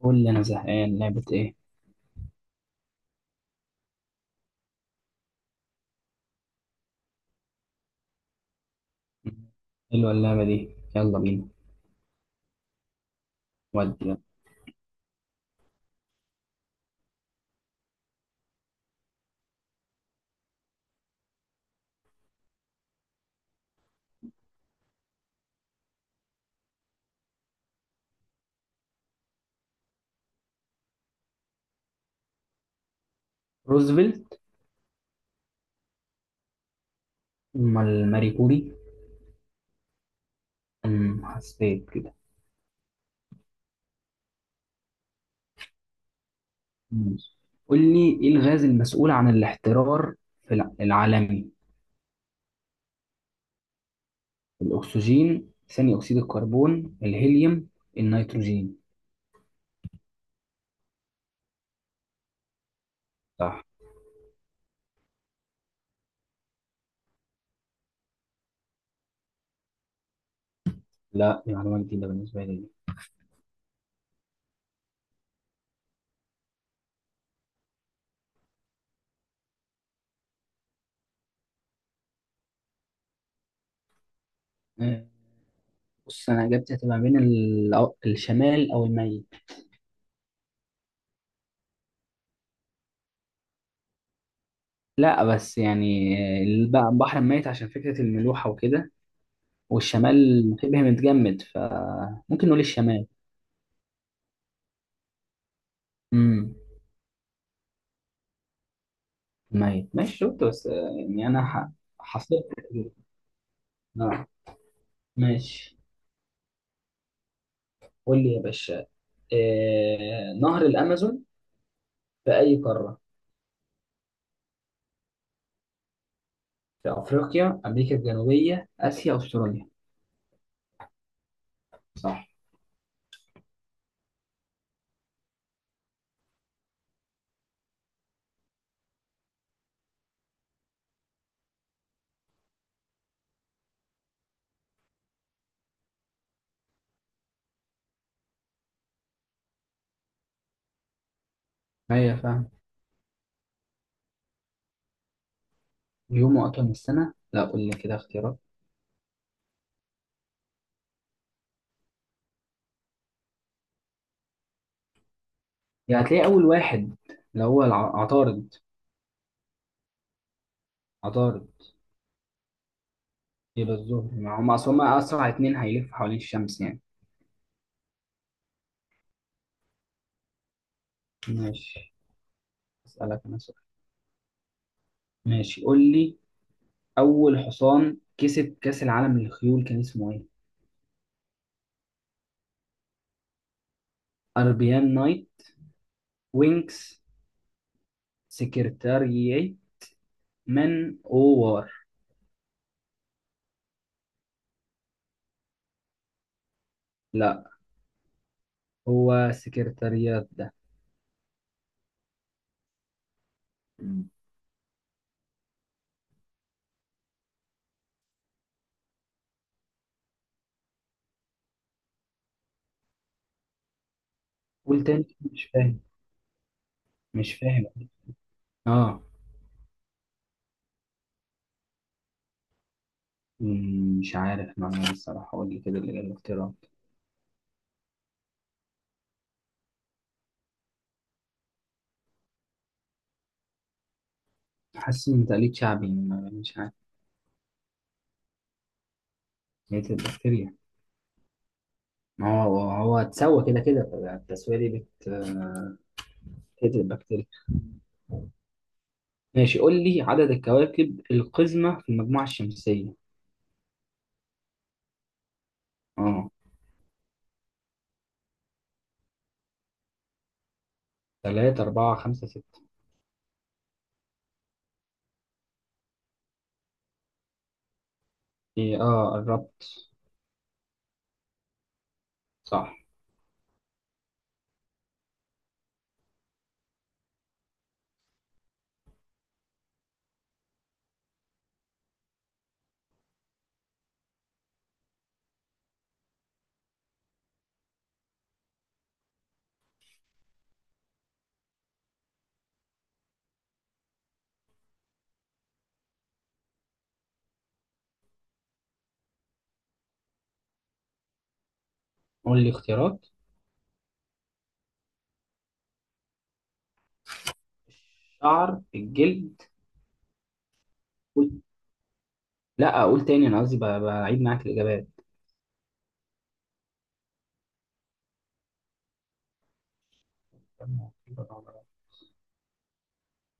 قول لي انا زهقان، لعبة ايه؟ حلوة اللعبة دي، يلا بينا. ودي، يلا. روزفلت. امال ماري كوري. حسيت كده. ماشي. قول لي ايه الغاز المسؤول عن الاحترار في العالمي؟ الاكسجين، ثاني اكسيد الكربون، الهيليوم، النيتروجين. صح. لا، دي معلومة جديدة بالنسبة لي. آه، بص انا اجابتي هتبقى بين الشمال او الميت. لا بس يعني، البحر الميت عشان فكرة الملوحة وكده، والشمال شبه متجمد فممكن نقول الشمال. امم. ميت، ماشي، شفت بس يعني انا حصلت كتير. آه. ماشي، قول لي يا باشا. نهر الامازون في اي قاره؟ في افريقيا، امريكا الجنوبيه، اسيا، استراليا. صح. ايوه فاهم. يومه كام السنه؟ لا، قول لي كده اختيارات. يعني هتلاقي اول واحد، اللي هو عطارد. عطارد. يبقى الزهر، ما هم اصل هم اسرع اتنين هيلفوا حوالين الشمس يعني. ماشي. اسالك انا. ماشي، قول لي. أول حصان كسب كأس العالم للخيول كان اسمه إيه؟ أربيان نايت، وينكس، سكرتاريي، من أوار. لا. هو سكرتاريات ده. مم. قول تاني، مش فاهم. مش فاهم. آه. مش عارف معلومة الصراحة، قول لي كده اللي الاختيارات. حاسس إن تقليد شعبي، مش عارف. هي تبقى بكتيريا؟ ما هو اتسوى كده كده، التسوية دي بت بتقتل البكتيريا. ماشي، قول لي عدد الكواكب القزمة في المجموعة الشمسية. اه. تلاتة، أربعة، خمسة، ستة. إيه، اه، قربت. صح. قول لي اختيارات. الشعر، الجلد. قول. لا، أقول تاني، أنا قصدي بعيد معاك الإجابات.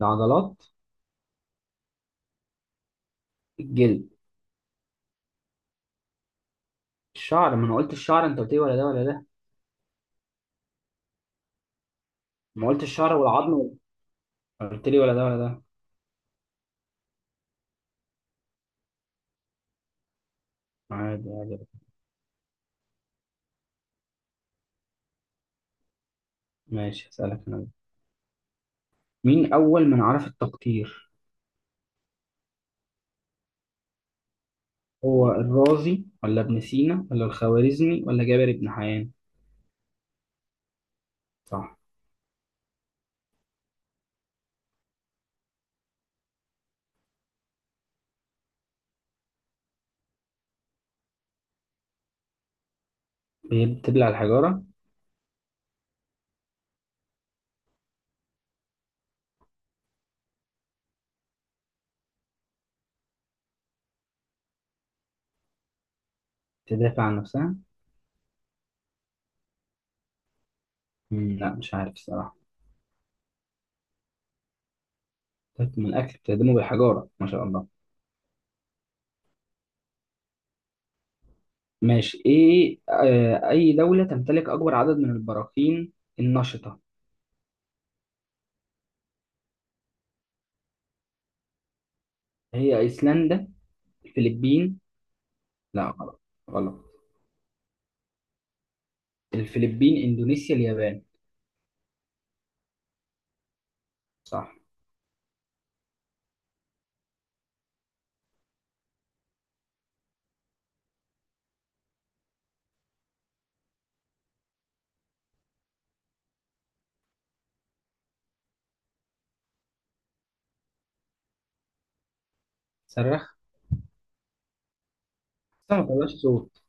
العضلات. الجلد. الشعر، ما أنا قلت الشعر، أنت قلت لي ولا ده ولا ده. ما قلت الشعر والعظم، قلت لي ولا ده ولا ده. عادي عادي. ماشي، هسألك أنا. مين أول من عرف التقطير؟ هو الرازي ولا ابن سينا ولا الخوارزمي ولا جابر بن حيان؟ صح. هي بتبلع الحجارة؟ تدافع عن نفسها. مم. لا مش عارف الصراحة. تهضم الأكل؟ بتهدمه بالحجارة، ما شاء الله. ماشي. إيه، أي دولة تمتلك أكبر عدد من البراكين النشطة؟ هي أيسلندا، الفلبين. لا، غلط. غلط. الفلبين، إندونيسيا، اليابان. صح. صرخ. بس ما طلعش صوت.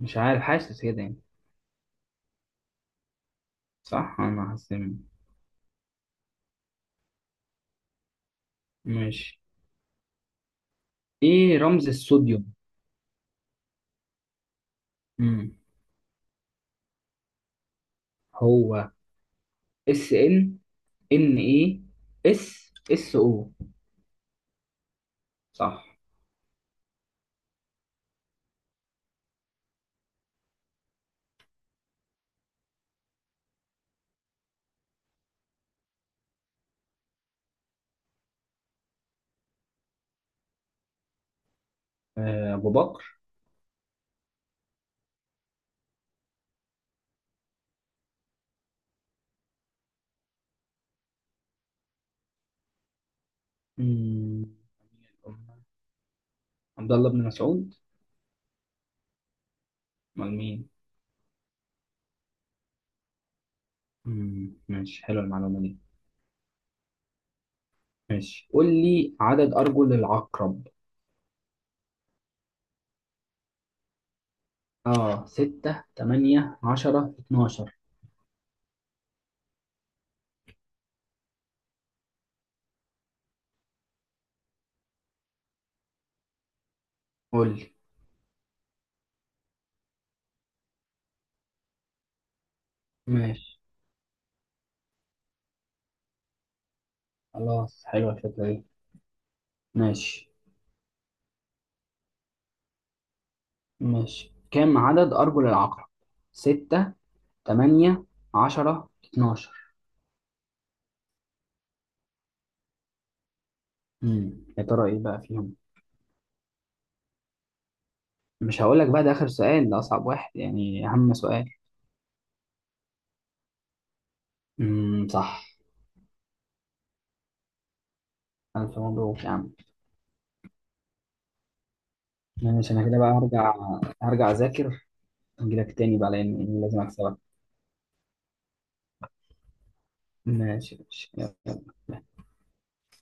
مش عارف، حاسس كده يعني. صح، أنا حاسس. ماشي. إيه رمز الصوديوم؟ مم. هو اس ان، ان اي، اس، اس او. صح. ابو بكر. مم، أمير الأمة. عبد الله بن مسعود. امال مين؟ ماشي، حلوه المعلومه دي. ماشي، قول لي عدد ارجل العقرب. اه ستة، تمانية، عشرة، اتناشر. قول لي. ماشي، خلاص، حلوه الفكره دي. ماشي. ماشي، كم عدد ارجل العقرب؟ ستة، تمانية، عشرة، اتناشر. مم، يا ترى ايه بقى فيهم؟ مش هقول لك بقى، ده آخر سؤال، ده أصعب واحد يعني، أهم سؤال. صح. ألف مبروك يا عم. ماشي، أنا كده بقى هرجع أذاكر. أجيلك تاني بقى، لأن لازم أكسبك. ماشي، ماشي، يلا.